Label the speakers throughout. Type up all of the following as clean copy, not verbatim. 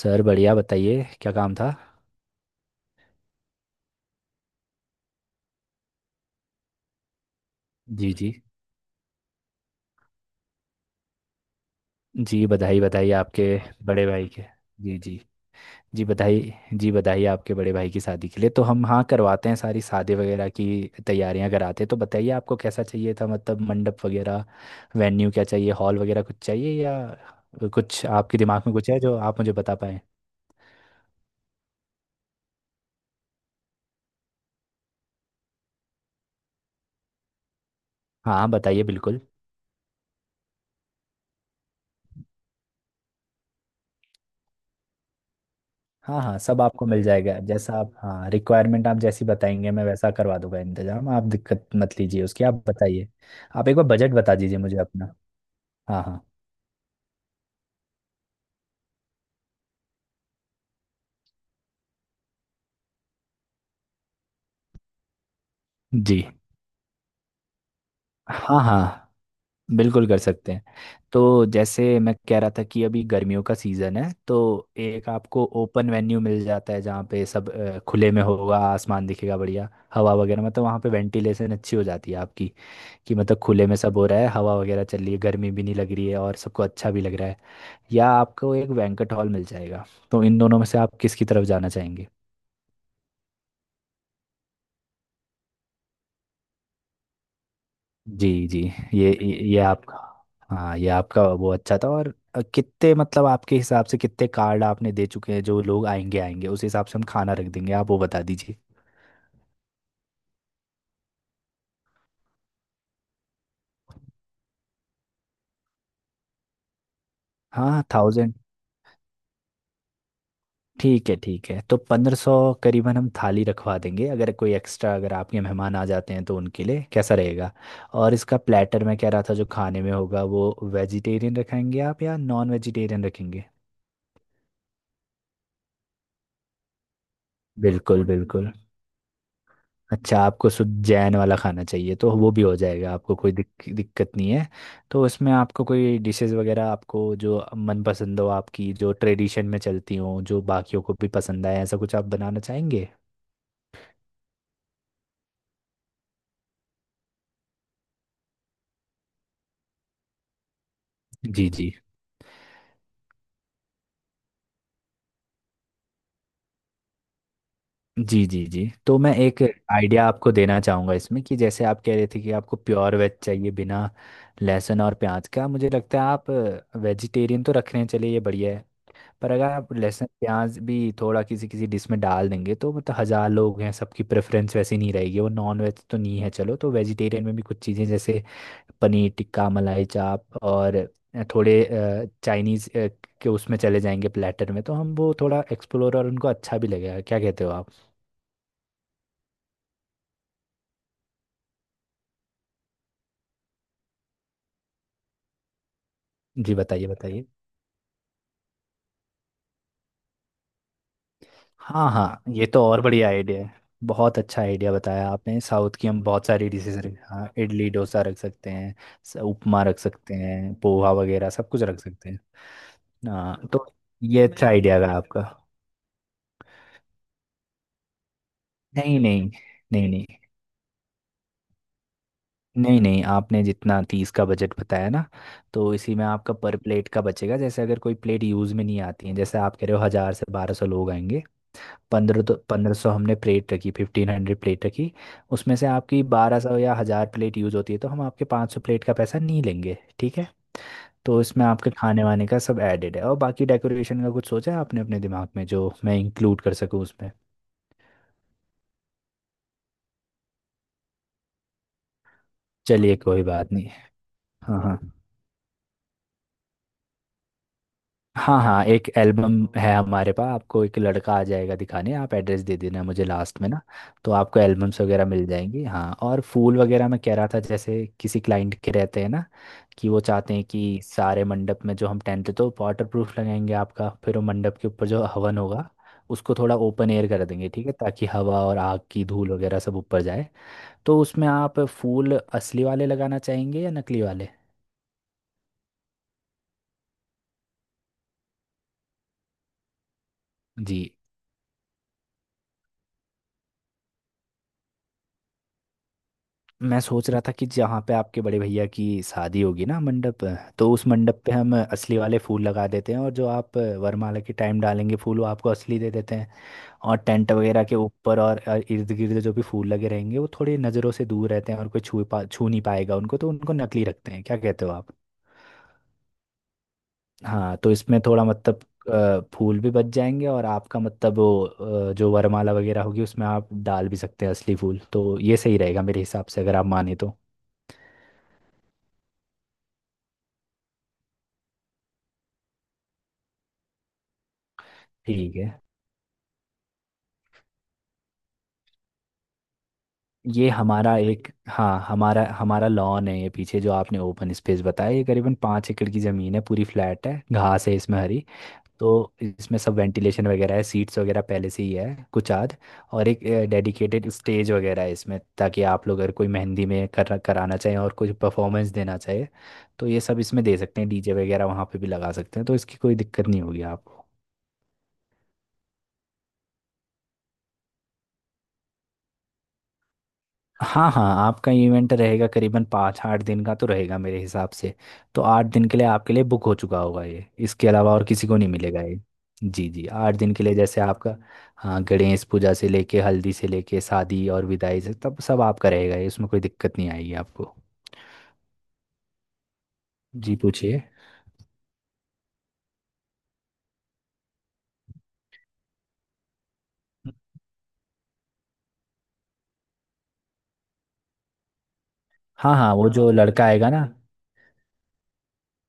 Speaker 1: Sir बढ़िया। बताइए क्या काम था। जी जी। जी बधाई बधाई आपके बड़े भाई के। जी जी। जी बधाई। जी बधाई आपके बड़े भाई की शादी के लिए, तो हम, हाँ, करवाते हैं सारी शादी वगैरह की तैयारियां कराते हैं। तो बताइए आपको कैसा चाहिए था, मतलब मंडप वगैरह, वेन्यू क्या चाहिए, हॉल वगैरह कुछ चाहिए, या कुछ आपके दिमाग में कुछ है जो आप मुझे बता पाएँ। हाँ हाँ, बताइए बिल्कुल। हाँ हाँ, सब आपको मिल जाएगा जैसा आप, हाँ, रिक्वायरमेंट आप जैसी बताएंगे मैं वैसा करवा दूंगा इंतजाम, आप दिक्कत मत लीजिए उसकी, आप बताइए। आप एक बार बजट बता दीजिए मुझे अपना। हाँ हाँ। जी। हाँ हाँ, बिल्कुल कर सकते हैं। तो जैसे मैं कह रहा था कि अभी गर्मियों का सीज़न है, तो एक आपको ओपन वेन्यू मिल जाता है जहाँ पे सब खुले में होगा, आसमान दिखेगा, बढ़िया हवा वगैरह, मतलब वहाँ पे वेंटिलेशन अच्छी हो जाती है आपकी, कि मतलब खुले में सब हो रहा है, हवा वगैरह चल रही है, गर्मी भी नहीं लग रही है, और सबको अच्छा भी लग रहा है। या आपको एक बैंक्वेट हॉल मिल जाएगा, तो इन दोनों में से आप किसकी तरफ जाना चाहेंगे। जी जी। ये आपका, हाँ, ये आपका वो अच्छा था। और कितने, मतलब आपके हिसाब से कितने कार्ड आपने दे चुके हैं, जो लोग आएंगे आएंगे उस हिसाब से हम खाना रख देंगे, आप वो बता दीजिए। हाँ, 1000। ठीक है ठीक है, तो 1500 करीबन हम थाली रखवा देंगे, अगर कोई एक्स्ट्रा अगर आपके मेहमान आ जाते हैं तो उनके लिए कैसा रहेगा। और इसका प्लेटर मैं कह रहा था जो खाने में होगा वो, वेजिटेरियन रखेंगे आप या नॉन वेजिटेरियन रखेंगे। बिल्कुल बिल्कुल। अच्छा, आपको शुद्ध जैन वाला खाना चाहिए तो वो भी हो जाएगा, आपको कोई दिक्कत नहीं है। तो उसमें आपको कोई डिशेस वगैरह, आपको जो मनपसंद हो आपकी, जो ट्रेडिशन में चलती हो, जो बाकियों को भी पसंद आए, ऐसा कुछ आप बनाना चाहेंगे। जी जी। जी जी। जी, तो मैं एक आइडिया आपको देना चाहूँगा इसमें, कि जैसे आप कह रहे थे कि आपको प्योर वेज चाहिए बिना लहसुन और प्याज का, मुझे लगता है आप वेजिटेरियन तो रखने चले ये बढ़िया है, पर अगर आप लहसुन प्याज भी थोड़ा किसी किसी डिश में डाल देंगे, तो मतलब 1000 लोग हैं सबकी प्रेफरेंस वैसी नहीं रहेगी, वो नॉन वेज तो नहीं है चलो, तो वेजिटेरियन में भी कुछ चीज़ें जैसे पनीर टिक्का, मलाई चाप, और थोड़े चाइनीज़ के उसमें चले जाएंगे प्लेटर में, तो हम वो थोड़ा एक्सप्लोर और उनको अच्छा भी लगेगा, क्या कहते हो आप। जी बताइए बताइए। हाँ हाँ, ये तो और बढ़िया आइडिया है, बहुत अच्छा आइडिया बताया आपने। साउथ की हम बहुत सारी डिशेज रख, हाँ, इडली डोसा रख सकते हैं, उपमा रख सकते हैं, पोहा वगैरह सब कुछ रख सकते हैं। हाँ, तो ये अच्छा आइडिया था आपका। नहीं नहीं। नहीं नहीं, नहीं नहीं आपने जितना 30 का बजट बताया ना, तो इसी में आपका पर प्लेट का बचेगा, जैसे अगर कोई प्लेट यूज़ में नहीं आती है, जैसे आप कह रहे हो 1000 से 1200 लोग आएंगे। पंद्रह, तो 1500 हमने प्लेट रखी, 1500 प्लेट रखी, उसमें से आपकी 1200 या 1000 प्लेट यूज़ होती है, तो हम आपके 500 प्लेट का पैसा नहीं लेंगे, ठीक है। तो इसमें आपके खाने वाने का सब एडेड है, और बाकी डेकोरेशन का कुछ सोचा है आपने अपने दिमाग में जो मैं इंक्लूड कर सकूँ उसमें। चलिए कोई बात नहीं। हाँ हाँ। हाँ हाँ, एक एल्बम है हमारे पास, आपको एक लड़का आ जाएगा दिखाने, आप एड्रेस दे देना मुझे लास्ट में ना, तो आपको एल्बम्स वगैरह मिल जाएंगी। हाँ, और फूल वगैरह मैं कह रहा था, जैसे किसी क्लाइंट के रहते हैं ना, कि वो चाहते हैं कि सारे मंडप में, जो हम टेंट तो वाटर प्रूफ लगाएंगे आपका, फिर वो मंडप के ऊपर जो हवन होगा उसको थोड़ा ओपन एयर कर देंगे, ठीक है, ताकि हवा और आग की धूल वगैरह सब ऊपर जाए। तो उसमें आप फूल असली वाले लगाना चाहेंगे या नकली वाले। जी, मैं सोच रहा था कि जहाँ पे आपके बड़े भैया की शादी होगी ना, मंडप, तो उस मंडप पे हम असली वाले फूल लगा देते हैं, और जो आप वरमाला के टाइम डालेंगे फूल वो आपको असली दे देते हैं। और टेंट वगैरह के ऊपर और इर्द गिर्द जो भी फूल लगे रहेंगे वो थोड़ी नज़रों से दूर रहते हैं, और कोई छू पा छू नहीं पाएगा उनको, तो उनको नकली रखते हैं, क्या कहते हो आप। हाँ, तो इसमें थोड़ा, मतलब, फूल भी बच जाएंगे, और आपका मतलब वो, जो वरमाला वगैरह होगी उसमें आप डाल भी सकते हैं असली फूल, तो ये सही रहेगा मेरे हिसाब से, अगर आप माने तो। ठीक है। ये हमारा एक, हाँ, हमारा हमारा लॉन है ये पीछे, जो आपने ओपन स्पेस बताया, ये करीबन 5 एकड़ की ज़मीन है, पूरी फ्लैट है, घास है इसमें हरी। तो इसमें सब वेंटिलेशन वगैरह है, सीट्स वगैरह पहले से ही है कुछ आध, और एक डेडिकेटेड स्टेज वगैरह है इसमें, ताकि आप लोग अगर कोई मेहंदी में कर कराना चाहें और कुछ परफॉर्मेंस देना चाहे, तो ये सब इसमें दे सकते हैं। डीजे वगैरह वहाँ पे भी लगा सकते हैं, तो इसकी कोई दिक्कत नहीं होगी आपको। हाँ हाँ, आपका इवेंट रहेगा करीबन पाँच आठ दिन का तो रहेगा मेरे हिसाब से, तो 8 दिन के लिए आपके लिए बुक हो चुका होगा ये, इसके अलावा और किसी को नहीं मिलेगा ये। जी जी, 8 दिन के लिए, जैसे आपका, हाँ, गणेश पूजा से लेके हल्दी से लेके शादी और विदाई से तब सब आपका रहेगा ये, इसमें कोई दिक्कत नहीं आएगी आपको। जी पूछिए। हाँ हाँ, वो जो लड़का आएगा ना,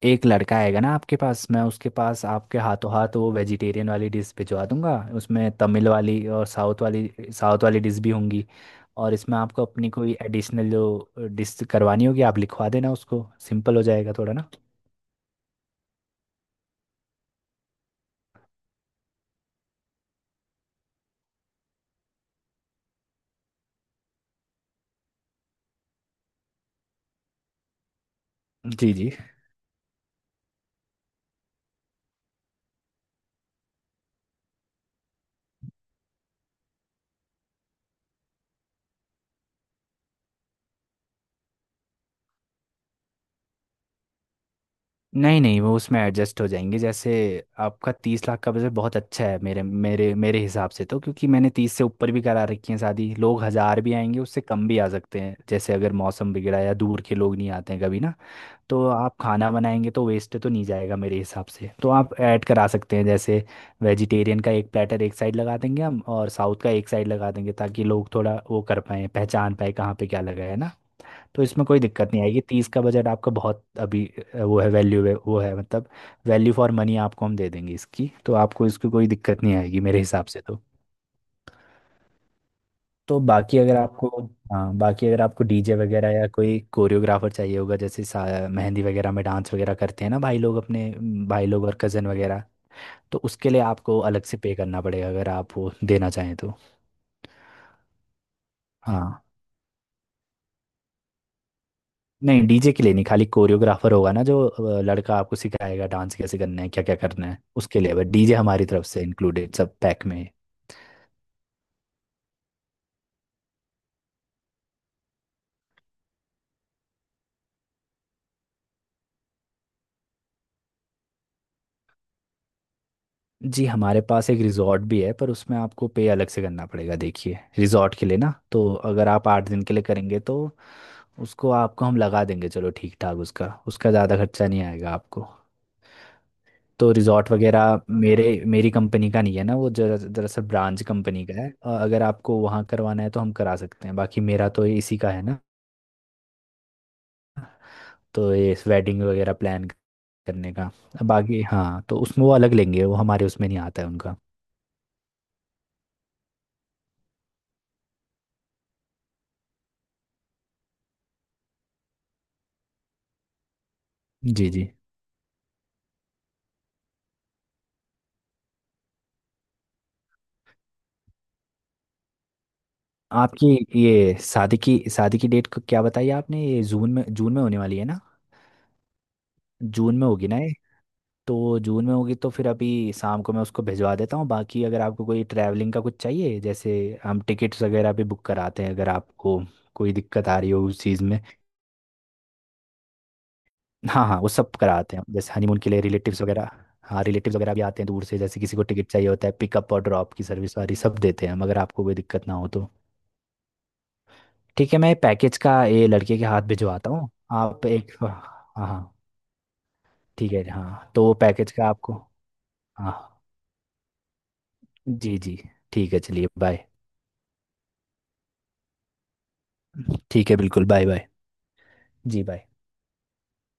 Speaker 1: एक लड़का आएगा ना आपके पास, मैं उसके पास आपके हाथों हाथ वो वेजिटेरियन वाली डिश भिजवा दूंगा, उसमें तमिल वाली और साउथ वाली, साउथ वाली डिश भी होंगी। और इसमें आपको अपनी कोई एडिशनल जो डिश करवानी होगी आप लिखवा देना उसको, सिंपल हो जाएगा थोड़ा ना। जी जी। नहीं नहीं, वो उसमें एडजस्ट हो जाएंगे। जैसे आपका 30 लाख का बजट बहुत अच्छा है मेरे मेरे मेरे हिसाब से, तो क्योंकि मैंने 30 से ऊपर भी करा रखी है शादी, लोग 1000 भी आएंगे उससे कम भी आ सकते हैं, जैसे अगर मौसम बिगड़ा या दूर के लोग नहीं आते हैं कभी ना, तो आप खाना बनाएंगे तो वेस्ट तो नहीं जाएगा मेरे हिसाब से, तो आप ऐड करा सकते हैं। जैसे वेजिटेरियन का एक प्लेटर एक साइड लगा देंगे हम, और साउथ का एक साइड लगा देंगे, ताकि लोग थोड़ा वो कर पाए, पहचान पाए कहाँ पे क्या लगा है ना। तो इसमें कोई दिक्कत नहीं आएगी, 30 का बजट आपका बहुत अभी वो है, वैल्यू है वो, है मतलब, वैल्यू फॉर मनी आपको हम दे देंगे इसकी, तो आपको इसकी कोई दिक्कत नहीं आएगी मेरे हिसाब से। तो बाकी अगर आपको, हाँ, बाकी अगर आपको डीजे वगैरह या कोई कोरियोग्राफर चाहिए होगा, जैसे मेहंदी वगैरह में डांस वगैरह करते हैं ना भाई लोग अपने, भाई लोग और कज़न वगैरह, तो उसके लिए आपको अलग से पे करना पड़ेगा अगर आप वो देना चाहें तो। हाँ। नहीं, डीजे के लिए नहीं, खाली कोरियोग्राफर होगा ना, जो लड़का आपको सिखाएगा डांस कैसे करना है क्या क्या करना है, उसके लिए बस, डीजे हमारी तरफ से इंक्लूडेड सब पैक में है। जी, हमारे पास एक रिजॉर्ट भी है, पर उसमें आपको पे अलग से करना पड़ेगा, देखिए रिजॉर्ट के लिए ना, तो अगर आप 8 दिन के लिए करेंगे तो उसको आपको हम लगा देंगे, चलो ठीक ठाक, उसका उसका ज़्यादा खर्चा नहीं आएगा आपको। तो रिजॉर्ट वगैरह, मेरे, मेरी कंपनी का नहीं है ना वो जरा, दरअसल ब्रांच कंपनी का है, अगर आपको वहाँ करवाना है तो हम करा सकते हैं, बाकी मेरा तो ये इसी का है ना, तो ये वेडिंग वगैरह प्लान करने का। बाकी, हाँ, तो उसमें वो अलग लेंगे, वो हमारे उसमें नहीं आता है उनका। जी जी। आपकी ये शादी की डेट को क्या बताई आपने, ये जून में, होने वाली है ना। जून में होगी ना ये। तो जून में होगी तो फिर अभी शाम को मैं उसको भिजवा देता हूँ, बाकी अगर आपको कोई ट्रैवलिंग का कुछ चाहिए, जैसे हम टिकट्स वगैरह भी बुक कराते हैं अगर आपको कोई दिक्कत आ रही हो उस चीज़ में। हाँ हाँ, वो सब कराते हैं, जैसे हनीमून के लिए रिलेटिव्स वगैरह, हाँ रिलेटिव्स वगैरह भी आते हैं दूर से, जैसे किसी को टिकट चाहिए होता है, पिकअप और ड्रॉप की सर्विस वाली सब देते हैं हम, अगर आपको कोई दिक्कत ना हो तो। ठीक है, मैं पैकेज का ये लड़के के हाथ भिजवाता हूँ। आप एक, हाँ। हाँ। ठीक है हाँ, तो वो पैकेज का आपको, हाँ, जी जी, ठीक है चलिए बाय। ठीक है बिल्कुल, बाय बाय। जी बाय।